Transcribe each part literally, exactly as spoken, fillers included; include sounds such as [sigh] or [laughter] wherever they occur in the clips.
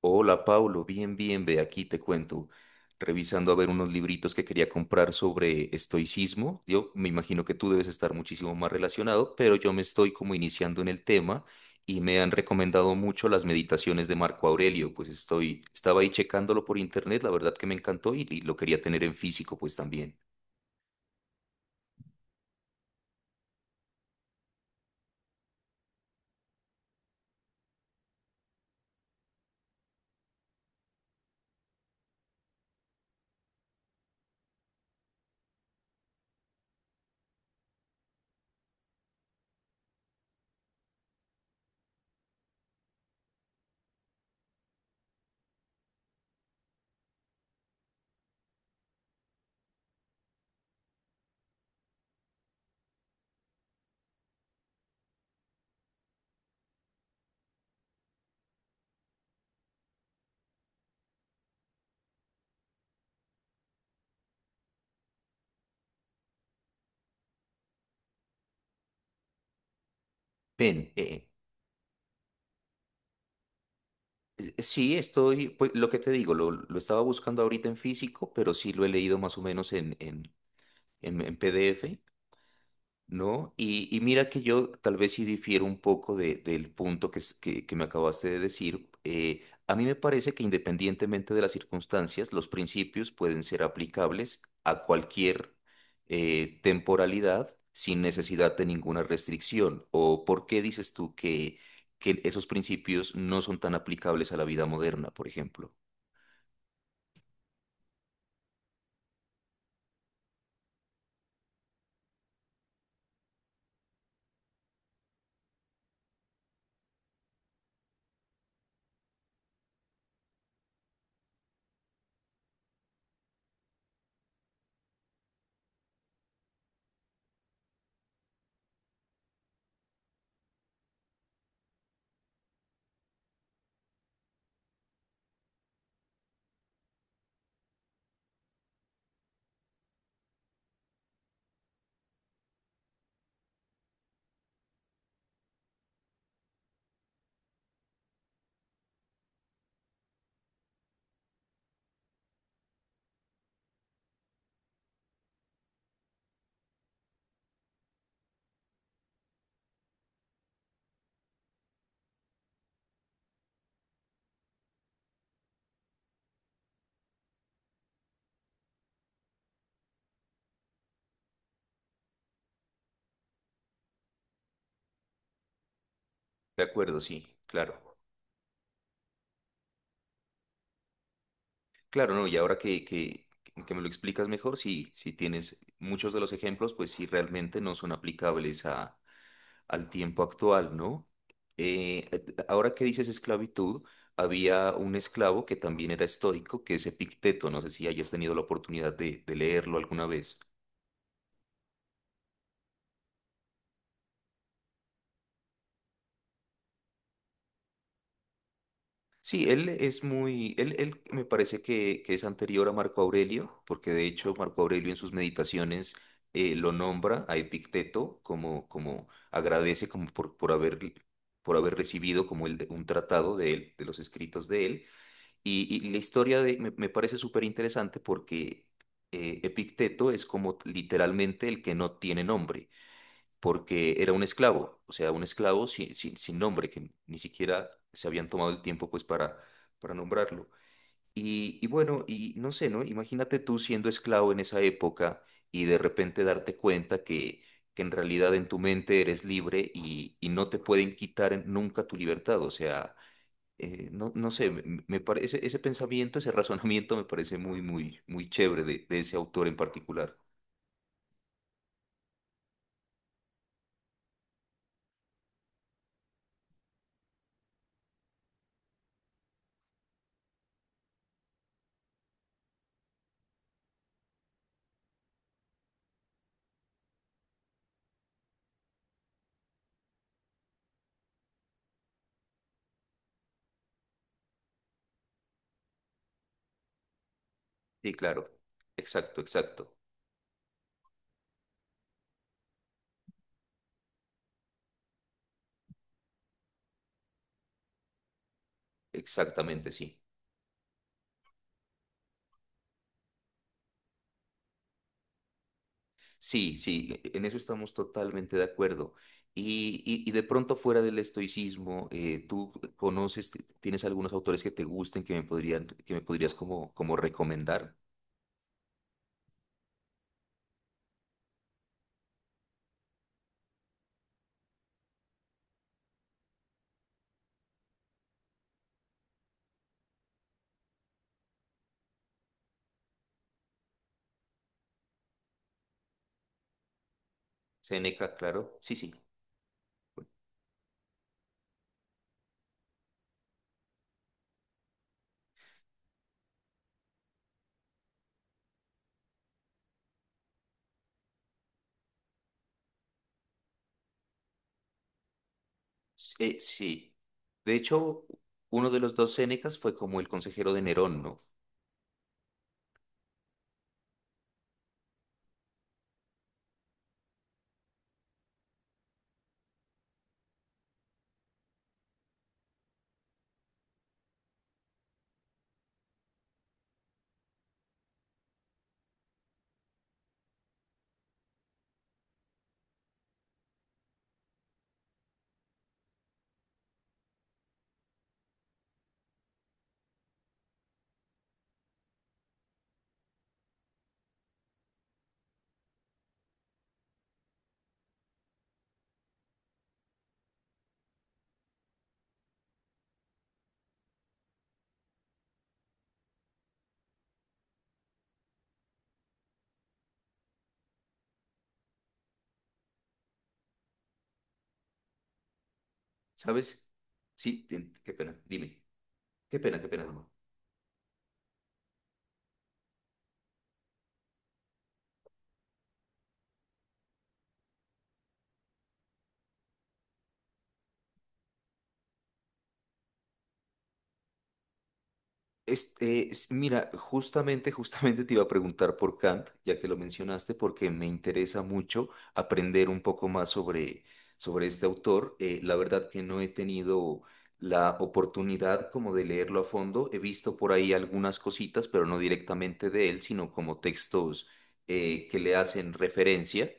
Hola, Paulo, bien, bien, ve aquí, te cuento. Revisando a ver unos libritos que quería comprar sobre estoicismo. Yo me imagino que tú debes estar muchísimo más relacionado, pero yo me estoy como iniciando en el tema y me han recomendado mucho las meditaciones de Marco Aurelio. Pues estoy, estaba ahí checándolo por internet, la verdad que me encantó y, y lo quería tener en físico, pues también. Ven, eh, eh, eh, sí, estoy, pues lo que te digo, lo, lo estaba buscando ahorita en físico, pero sí lo he leído más o menos en, en, en en P D F. ¿No? Y, y mira que yo tal vez sí difiero un poco de- del punto que, es- que, que me acabaste de decir. Eh, a mí me parece que independientemente de las circunstancias, los principios pueden ser aplicables a cualquier eh, temporalidad sin necesidad de ninguna restricción. ¿O por qué dices tú que, que esos principios no son tan aplicables a la vida moderna, por ejemplo? De acuerdo, sí, claro. Claro, no, y ahora que, que, que me lo explicas mejor, sí, si tienes muchos de los ejemplos, pues sí realmente no son aplicables a, al tiempo actual, ¿no? Eh, et- ahora que dices esclavitud, había un esclavo que también era estoico, que es Epicteto, no sé si hayas tenido la oportunidad de, de leerlo alguna vez. Sí, él es muy, él, él me parece que, que es anterior a Marco Aurelio, porque de hecho Marco Aurelio en sus meditaciones eh, lo nombra a Epicteto como, como agradece como por, por haber, por haber recibido como el, de- un tratado de él, de los escritos de él. Y, y la historia de, me, me parece súper interesante porque eh, Epicteto es como literalmente el que no tiene nombre porque era un esclavo, o sea, un esclavo sin, sin, sin nombre, que ni siquiera se habían tomado el tiempo pues para, para nombrarlo. Y, y bueno, y no sé, ¿no? Imagínate tú siendo esclavo en esa época y de repente darte cuenta que, que en realidad en tu mente eres libre y, y no te pueden quitar nunca tu libertad, o sea, eh, no, no sé, me, me parece, ese pensamiento, ese [laughs] razonamiento me parece muy, muy, muy chévere de, de ese autor en particular. Sí, claro, exacto, exacto, exactamente, sí. Sí, sí, e, en eso estamos totalmente de acuerdo. Y, y- y de pronto fuera del estoicismo, eh, ¿tú conoces, t- tienes algunos autores que te gusten, que me podrían, que me podrías como, como recomendar? Séneca, claro. Sí, sí. S- eh, sí. De hecho, uno de los dos Sénecas fue como el consejero de Nerón, ¿no? ¿Sabes? Sí, ten- qué pena. Dime. Qué pena, qué pena. Dime. Este, es- mira, justamente, justamente te iba a preguntar por Kant, ya que lo mencionaste, porque me interesa mucho aprender un poco más sobre, sobre este autor. Eh, la verdad que no he tenido la oportunidad como de leerlo a fondo. He visto por ahí algunas cositas, pero no directamente de él, sino como textos eh, que le hacen referencia.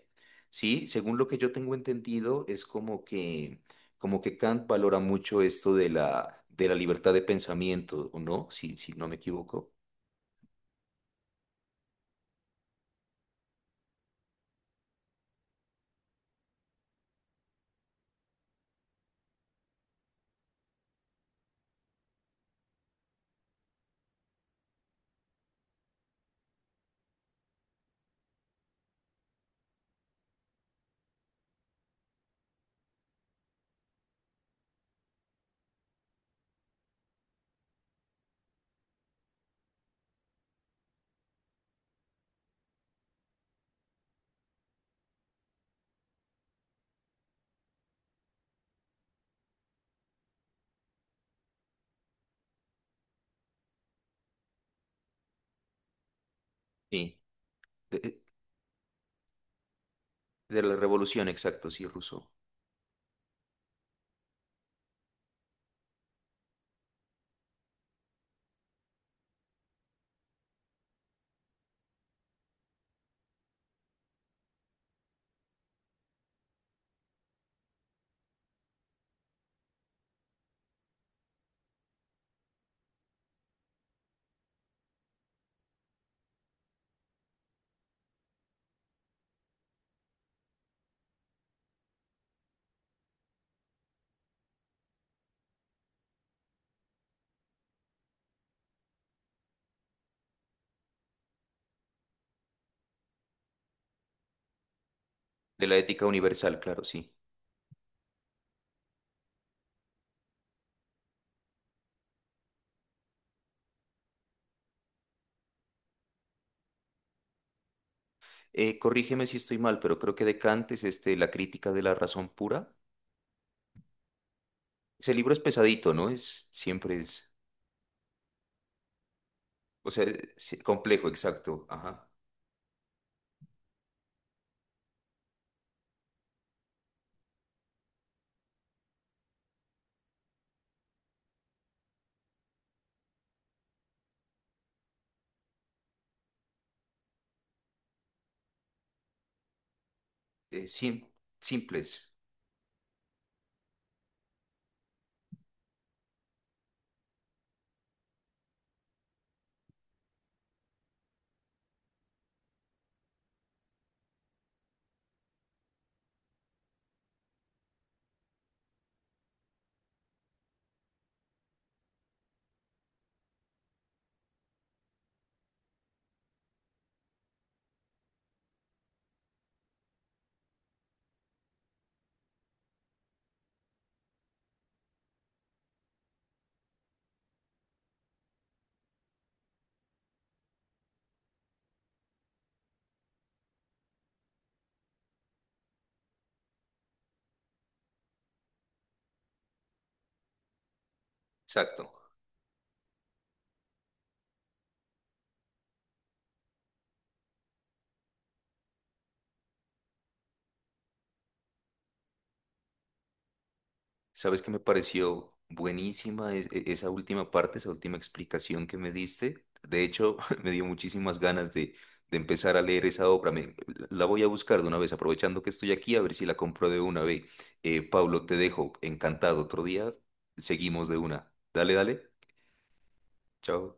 Sí, según lo que yo tengo entendido, es como que como que Kant valora mucho esto de la, de la libertad de pensamiento, ¿o no? Si, si no me equivoco. Sí. De, de la revolución, exacto, sí, Rousseau. De la ética universal, claro, sí. Eh, corrígeme si estoy mal, pero creo que de Kant es este, La crítica de la razón pura. Ese libro es pesadito, ¿no? Es, siempre es, o sea, es- sí, complejo, exacto, ajá. Eh, sim- Simples, exacto. ¿Sabes que me pareció buenísima es- e- esa última parte, esa última explicación que me diste? De hecho, [laughs] me dio muchísimas ganas de, de empezar a leer esa obra. Me- la voy a buscar de una vez, aprovechando que estoy aquí, a ver si la compro de una vez. Eh, Pablo, te dejo, encantado. Otro día seguimos de una. Dale, dale. Chao.